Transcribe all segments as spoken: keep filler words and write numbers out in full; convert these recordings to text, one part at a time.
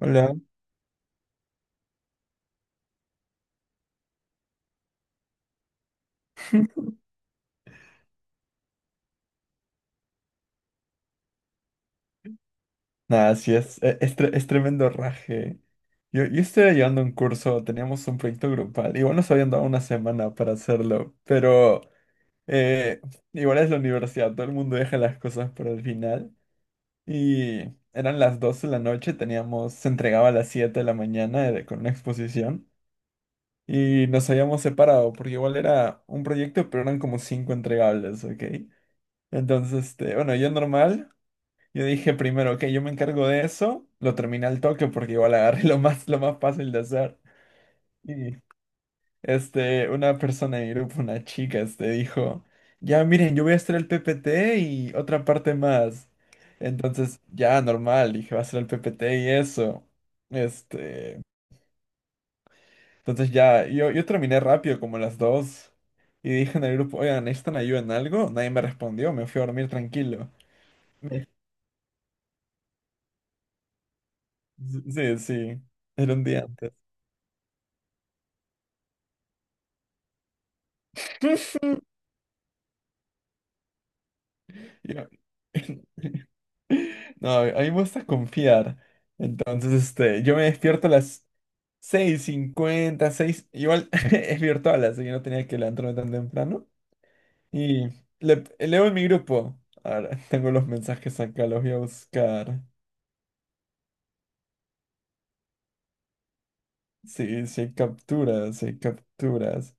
Hola. Nada, sí, es, e- es, tre- es tremendo raje. Yo, yo estaba llevando un curso, teníamos un proyecto grupal. Igual nos habían dado una semana para hacerlo, pero eh, igual es la universidad, todo el mundo deja las cosas para el final. Y eran las doce de la noche, teníamos, se entregaba a las siete de la mañana eh, con una exposición. Y nos habíamos separado, porque igual era un proyecto, pero eran como cinco entregables, ¿ok? Entonces, este, bueno, yo normal. Yo dije primero, ok, yo me encargo de eso, lo terminé al toque porque igual agarré lo más, lo más fácil de hacer. Y este, una persona de mi grupo, una chica, este, dijo, ya miren, yo voy a hacer el P P T y otra parte más. Entonces, ya, normal, dije, va a ser el P P T y eso. Este, entonces ya, yo, yo terminé rápido, como a las dos. Y dije en el grupo, oigan, ¿necesitan ayuda en algo? Nadie me respondió, me fui a dormir tranquilo. Me- Sí, sí, era un día antes. Yo- No, a mí me gusta confiar. Entonces, este, yo me despierto a las seis cincuenta seis. Igual es virtual, así que no tenía que levantarme tan temprano. Y le- leo en mi grupo. Ahora tengo los mensajes acá, los voy a buscar. Sí, sí hay capturas, sí hay capturas.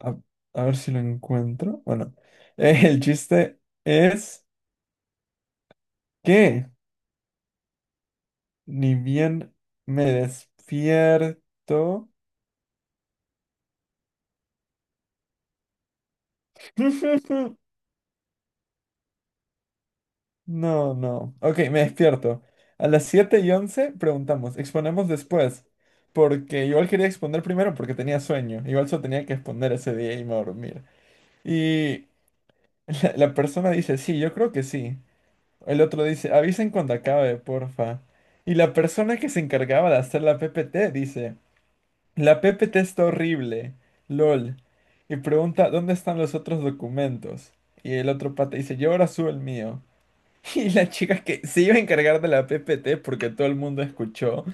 A, a ver si lo encuentro. Bueno, eh, el chiste es que ni bien me despierto. No, no. Ok, me despierto. A las siete y once preguntamos, exponemos después. Porque igual quería exponer primero porque tenía sueño. Igual solo tenía que exponer ese día y me iba a dormir. Y la, la persona dice, sí, yo creo que sí. El otro dice, avisen cuando acabe, porfa. Y la persona que se encargaba de hacer la P P T dice, la P P T está horrible. LOL. Y pregunta, ¿dónde están los otros documentos? Y el otro pata dice, yo ahora subo el mío. Y la chica que se iba a encargar de la P P T porque todo el mundo escuchó.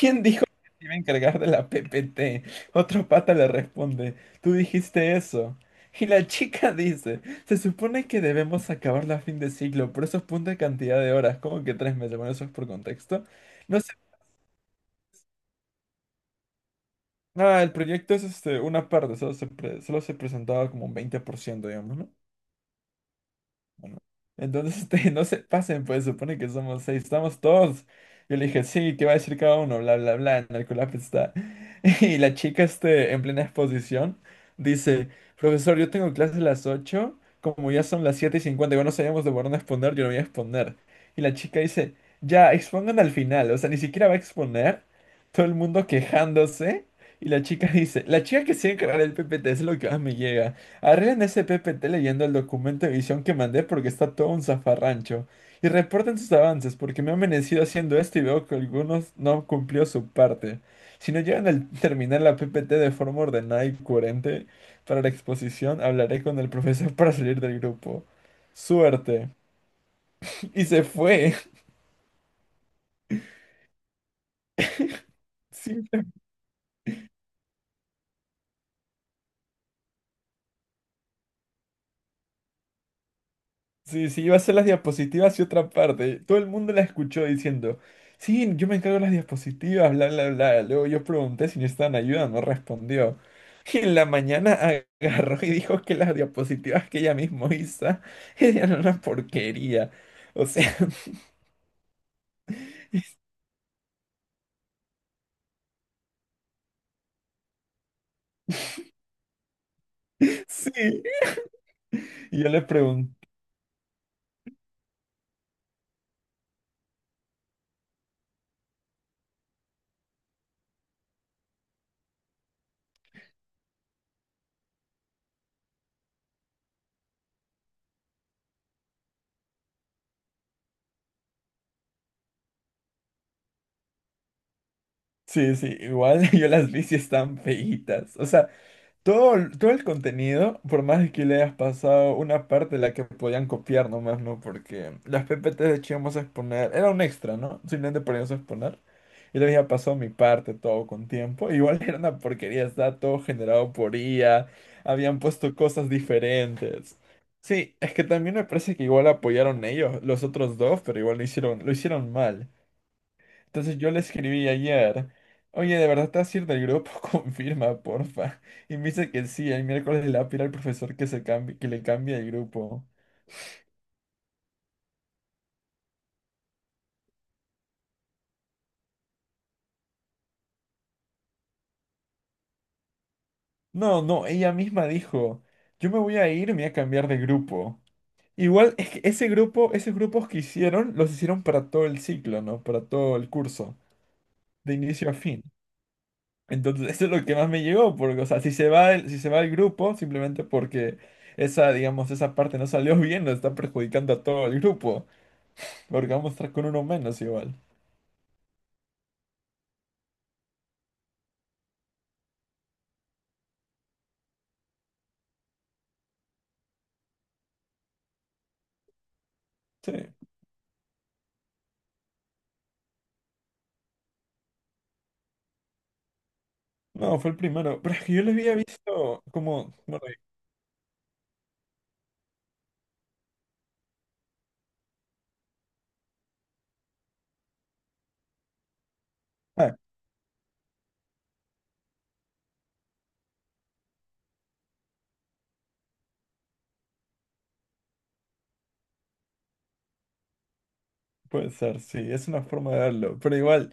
¿Quién dijo que se iba a encargar de la P P T? Otro pata le responde, tú dijiste eso. Y la chica dice, se supone que debemos acabarla a fin de siglo, por eso es punta cantidad de horas, como que tres meses, bueno, eso es por contexto. No sé, nada, el proyecto es este, una parte, solo se, pre- solo se presentaba como un veinte por ciento digamos, ¿no? Bueno, entonces, este, no se pasen, pues supone que somos seis, estamos todos. Yo le dije, sí, ¿qué va a decir cada uno? Bla, bla, bla, en el colapso está. Y la chica, este, en plena exposición, dice, profesor, yo tengo clase a las ocho como ya son las siete y cincuenta igual no sabíamos de por dónde exponer, yo lo voy a exponer. Y la chica dice, ya, expongan al final, o sea, ni siquiera va a exponer, todo el mundo quejándose. Y la chica dice, la chica que se encargará del P P T, t es lo que más me llega. Arreglen ese P P T leyendo el documento de visión que mandé porque está todo un zafarrancho. Y reporten sus avances porque me he amanecido haciendo esto y veo que algunos no han cumplido su parte. Si no llegan a terminar la P P T de forma ordenada y coherente para la exposición, hablaré con el profesor para salir del grupo. Suerte. Y se fue. Sí. Sí, sí, iba a hacer las diapositivas y otra parte. Todo el mundo la escuchó diciendo, sí, yo me encargo de las diapositivas, bla, bla, bla. Luego yo pregunté si necesitaban ayuda, no respondió. Y en la mañana agarró y dijo que las diapositivas que ella misma hizo eran una porquería. O sea, sí. Y yo le pregunté, sí, sí, igual yo las vi si están feitas. O sea, todo, el- todo el contenido, por más de que le hayas pasado una parte de la que podían copiar nomás, ¿no? Porque las P P T de hecho íbamos a exponer, era un extra, ¿no? Simplemente poníamos a exponer. Y le había pasado mi parte todo con tiempo. Igual era una porquería, estaba todo generado por I A, habían puesto cosas diferentes. Sí, es que también me parece que igual apoyaron ellos, los otros dos, pero igual lo hicieron, lo hicieron mal. Entonces yo le escribí ayer, oye, ¿de verdad te vas a ir del grupo? Confirma, porfa. Y me dice que sí, el miércoles le va a pedir al profesor que, se cambie, que le cambie el grupo. No, no, ella misma dijo, yo me voy a ir, me voy a cambiar de grupo. Igual es que ese grupo, esos grupos que hicieron, los hicieron para todo el ciclo, ¿no? Para todo el curso, de inicio a fin. Entonces, eso es lo que más me llegó, porque, o sea, si se va el, si se va el grupo, simplemente porque esa, digamos, esa parte no salió bien, nos está perjudicando a todo el grupo. Porque vamos a estar con uno menos igual. Sí. No, fue el primero. Pero es que yo lo había visto como... Bueno, y- ah, puede ser, sí, es una forma de verlo. Pero igual,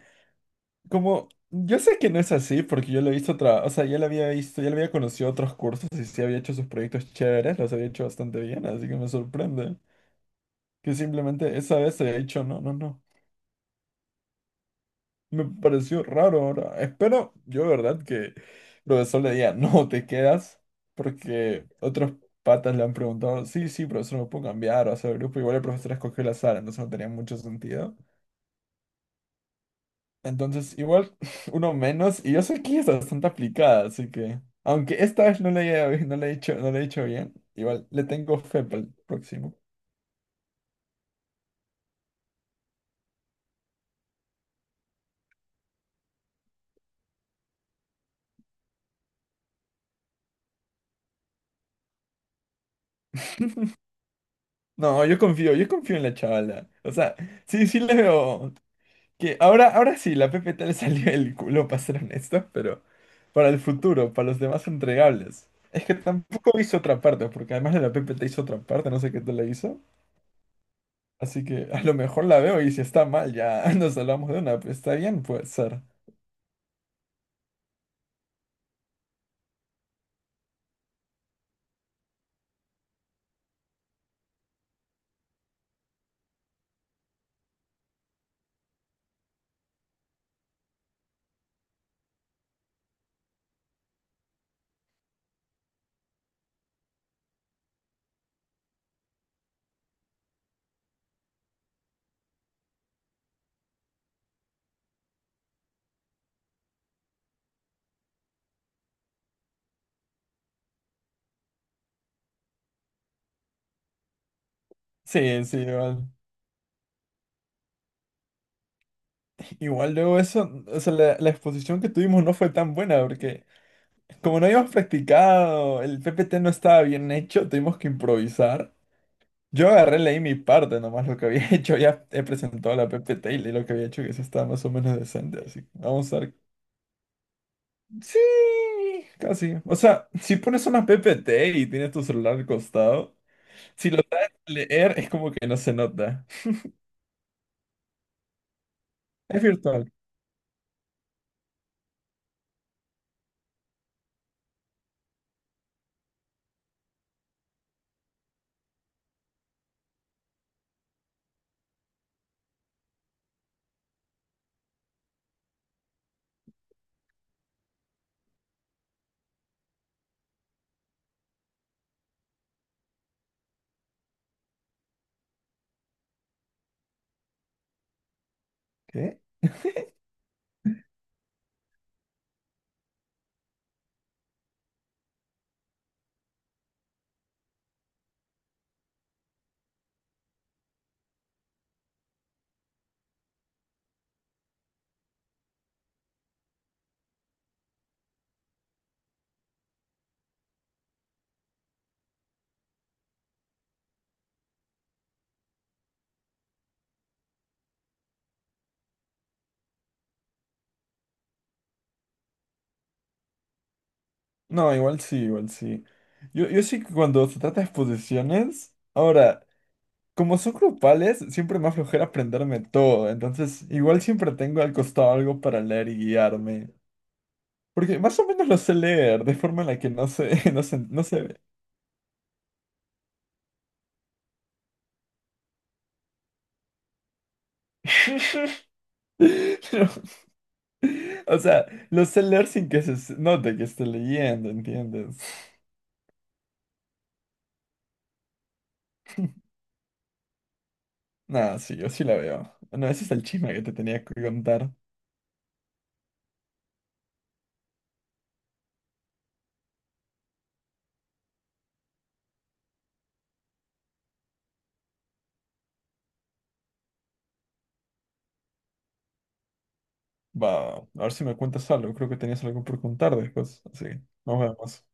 como... Yo sé que no es así porque yo lo he visto otra... O sea, ya lo había visto, ya lo había conocido otros cursos y sí había hecho sus proyectos chéveres, los había hecho bastante bien, así que me sorprende. Que simplemente esa vez se haya dicho, no, no, no. Me pareció raro ahora. Espero, yo de verdad, que el profesor le diga, no, te quedas, porque otros patas le han preguntado, sí, sí, profesor, me puedo cambiar o hacer el grupo. Igual el profesor escogió la sala, entonces no tenía mucho sentido. Entonces, igual, uno menos, y yo sé que es bastante aplicada, así que, aunque esta vez no le haya, no le he hecho, no le he hecho bien, igual le tengo fe para el próximo. No, yo confío, yo confío en la chavala. O sea, sí, sí le veo. Que ahora, ahora sí, la P P T le salió el culo, para ser honesto, pero para el futuro, para los demás entregables. Es que tampoco hizo otra parte, porque además de la P P T hizo otra parte, no sé qué te la hizo. Así que a lo mejor la veo y si está mal, ya nos hablamos de una. Pues, está bien, puede ser. Sí, sí, igual. Igual luego eso, o sea, la, la exposición que tuvimos no fue tan buena, porque como no habíamos practicado, el P P T no estaba bien hecho, tuvimos que improvisar. Yo agarré, leí mi parte nomás, lo que había hecho, ya he presentado la P P T y leí lo que había hecho, que eso estaba más o menos decente, así que vamos a ver. Sí, casi. O sea, si pones una P P T y tienes tu celular al costado, si lo sabes leer es como que no se nota. Es virtual. ¿Qué? No, igual sí, igual sí. Yo, yo sí que cuando se trata de exposiciones, ahora, como son grupales, siempre me da flojera aprenderme todo, entonces igual siempre tengo al costado algo para leer y guiarme. Porque más o menos lo sé leer, de forma en la que no se, no se, no se ve. Pero, o sea, lo sé leer sin que se se note que esté leyendo, ¿entiendes? Nada, sí, yo sí la veo. Bueno, ese es el chisme que te tenía que contar. Va, a ver si me cuentas algo. Creo que tenías algo por contar después. Así, nos vemos.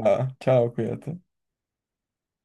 Va, chao, cuídate.